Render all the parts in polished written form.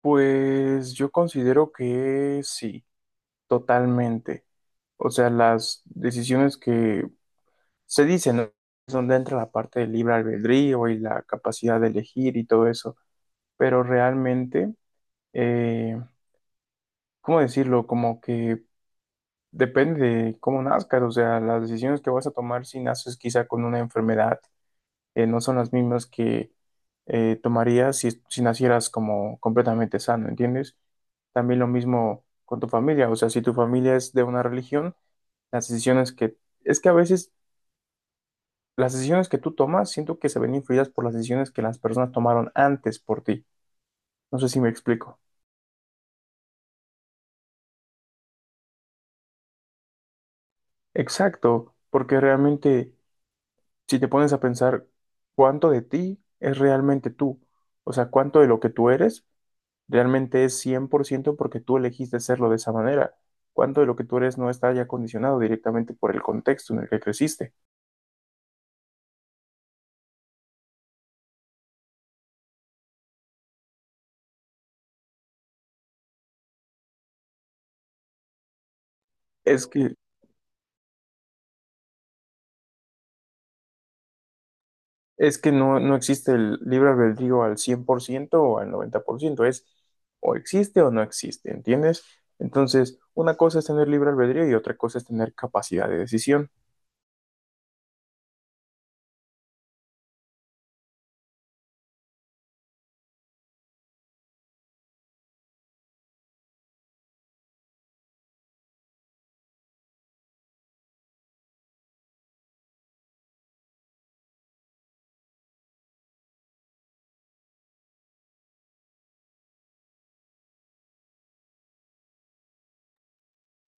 Pues yo considero que sí, totalmente. O sea, las decisiones que se dicen, ¿no? Es donde entra la parte del libre albedrío y la capacidad de elegir y todo eso. Pero realmente, eh, ¿cómo decirlo? Como que depende de cómo nazcas. O sea, las decisiones que vas a tomar si naces quizá con una enfermedad no son las mismas que tomarías si nacieras como completamente sano, ¿entiendes? También lo mismo con tu familia, o sea, si tu familia es de una religión, las decisiones que, es que a veces las decisiones que tú tomas, siento que se ven influidas por las decisiones que las personas tomaron antes por ti. No sé si me explico. Exacto, porque realmente si te pones a pensar cuánto de ti es realmente tú, o sea, cuánto de lo que tú eres realmente es 100% porque tú elegiste hacerlo de esa manera. ¿Cuánto de lo que tú eres no está ya condicionado directamente por el contexto en el que creciste? Es que, es que no, no existe el libre albedrío al 100% o al 90%. Es, o existe o no existe, ¿entiendes? Entonces, una cosa es tener libre albedrío y otra cosa es tener capacidad de decisión.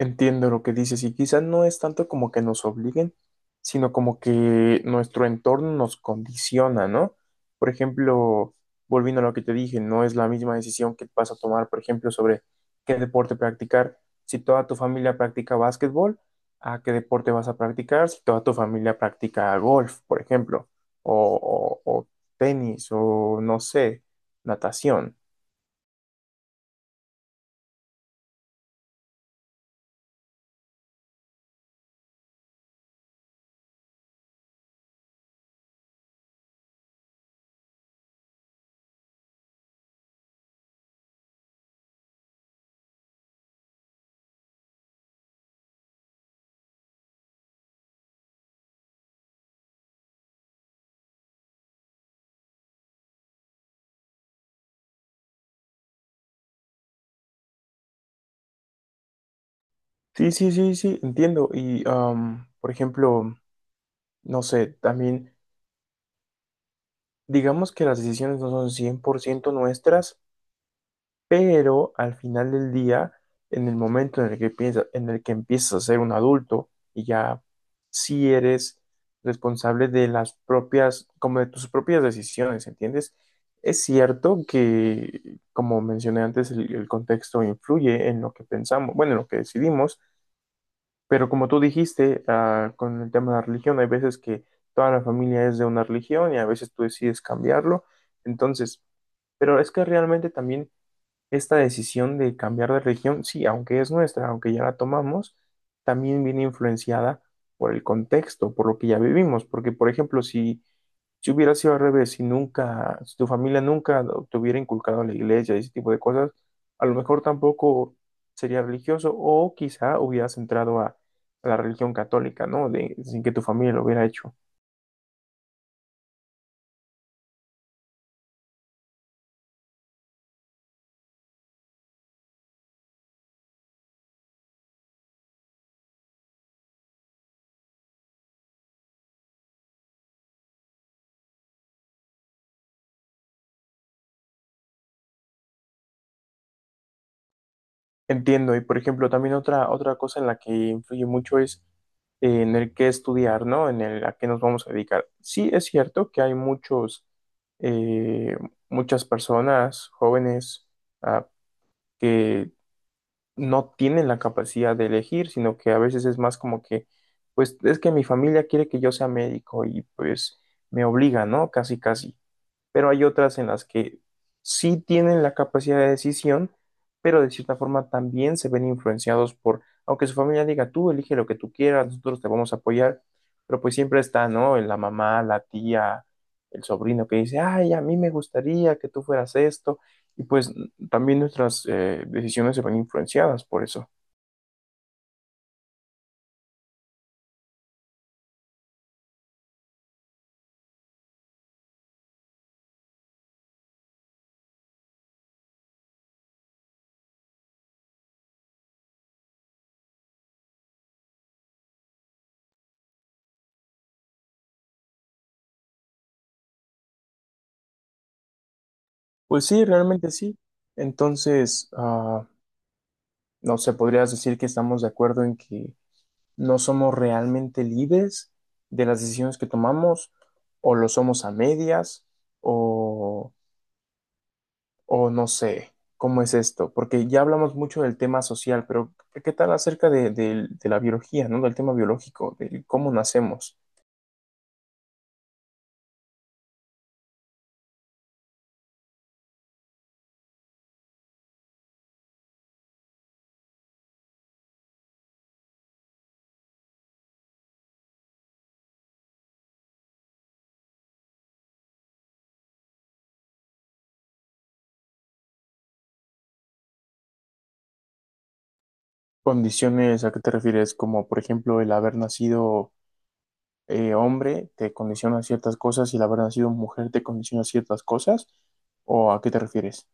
Entiendo lo que dices y quizás no es tanto como que nos obliguen, sino como que nuestro entorno nos condiciona, ¿no? Por ejemplo, volviendo a lo que te dije, no es la misma decisión que vas a tomar, por ejemplo, sobre qué deporte practicar. Si toda tu familia practica básquetbol, ¿a qué deporte vas a practicar? Si toda tu familia practica golf, por ejemplo, o tenis, o no sé, natación. Sí, sí, sí, sí, entiendo. Y, por ejemplo, no sé, también digamos que las decisiones no son 100% nuestras, pero al final del día, en el momento en el que piensas, en el que empiezas a ser un adulto y ya sí eres responsable de las propias, como de tus propias decisiones, ¿entiendes? Es cierto que, como mencioné antes, el contexto influye en lo que pensamos, bueno, en lo que decidimos. Pero como tú dijiste, ah, con el tema de la religión, hay veces que toda la familia es de una religión y a veces tú decides cambiarlo. Entonces, pero es que realmente también esta decisión de cambiar de religión, sí, aunque es nuestra, aunque ya la tomamos, también viene influenciada por el contexto, por lo que ya vivimos, porque, por ejemplo, si, hubiera sido al revés, si nunca, si tu familia nunca te hubiera inculcado en la iglesia, ese tipo de cosas, a lo mejor tampoco sería religioso o quizá hubieras entrado a la religión católica, ¿no? Sin que tu familia lo hubiera hecho. Entiendo, y por ejemplo, también otra cosa en la que influye mucho es en el qué estudiar, ¿no? En el a qué nos vamos a dedicar. Sí, es cierto que hay muchos, eh, muchas personas jóvenes ah, que no tienen la capacidad de elegir, sino que a veces es más como que, pues es que mi familia quiere que yo sea médico y pues me obliga, ¿no? Casi, casi. Pero hay otras en las que sí tienen la capacidad de decisión, pero de cierta forma también se ven influenciados por, aunque su familia diga, tú elige lo que tú quieras, nosotros te vamos a apoyar, pero pues siempre está, ¿no? La mamá, la tía, el sobrino que dice, ay, a mí me gustaría que tú fueras esto, y pues también nuestras decisiones se ven influenciadas por eso. Pues sí, realmente sí. Entonces, no sé, podrías decir que estamos de acuerdo en que no somos realmente libres de las decisiones que tomamos, o lo somos a medias, o, o no sé, ¿cómo es esto? Porque ya hablamos mucho del tema social. Pero ¿qué tal acerca de la biología, no? Del tema biológico, de cómo nacemos. Condiciones, ¿a qué te refieres? Como por ejemplo el haber nacido hombre te condiciona ciertas cosas y el haber nacido mujer te condiciona ciertas cosas, ¿o a qué te refieres?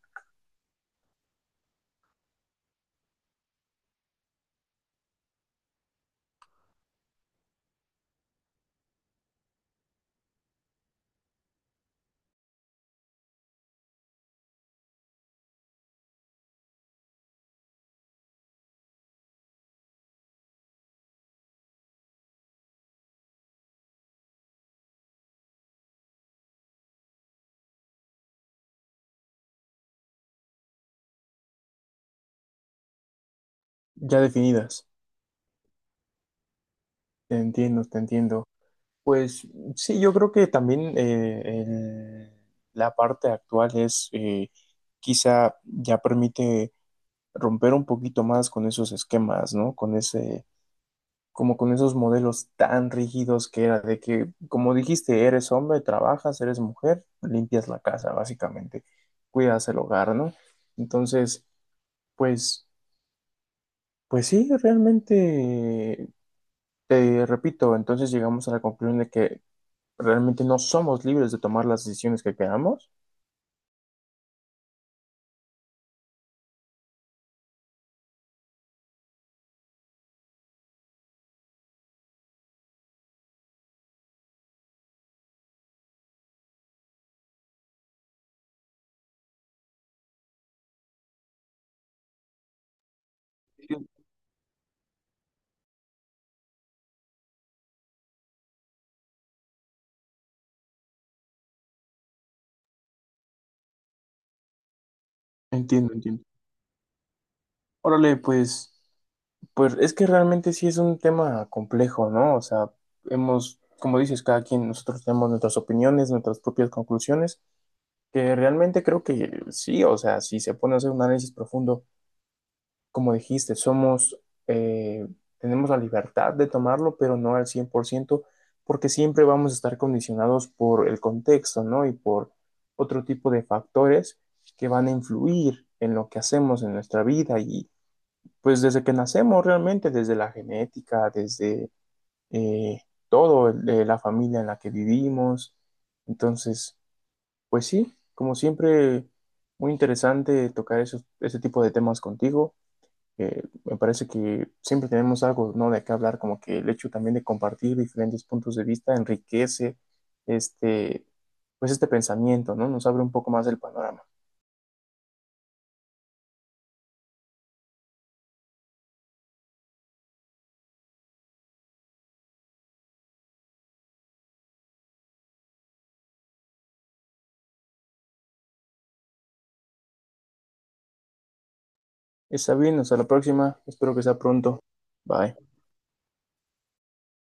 Ya definidas. Te entiendo, te entiendo. Pues sí, yo creo que también la parte actual es, quizá ya permite romper un poquito más con esos esquemas, ¿no? Con ese, como con esos modelos tan rígidos que era de que, como dijiste, eres hombre, trabajas, eres mujer, limpias la casa, básicamente, cuidas el hogar, ¿no? Entonces, pues, pues, sí, realmente, te repito, entonces llegamos a la conclusión de que realmente no somos libres de tomar las decisiones que queramos. Entiendo, entiendo. Entiendo. Órale, pues es que realmente sí es un tema complejo, ¿no? O sea, hemos, como dices, cada quien, nosotros tenemos nuestras opiniones, nuestras propias conclusiones, que realmente creo que sí, o sea, si se pone a hacer un análisis profundo como dijiste, eh, tenemos la libertad de tomarlo, pero no al 100%, porque siempre vamos a estar condicionados por el contexto, ¿no? Y por otro tipo de factores que van a influir en lo que hacemos en nuestra vida y pues desde que nacemos realmente, desde la genética, desde eh, la familia en la que vivimos. Entonces, pues sí, como siempre, muy interesante tocar esos, ese tipo de temas contigo. Me parece que siempre tenemos algo, ¿no? De qué hablar, como que el hecho también de compartir diferentes puntos de vista enriquece este, pues este pensamiento, ¿no? Nos abre un poco más el panorama. Está bien, hasta la próxima. Espero que sea pronto. Bye.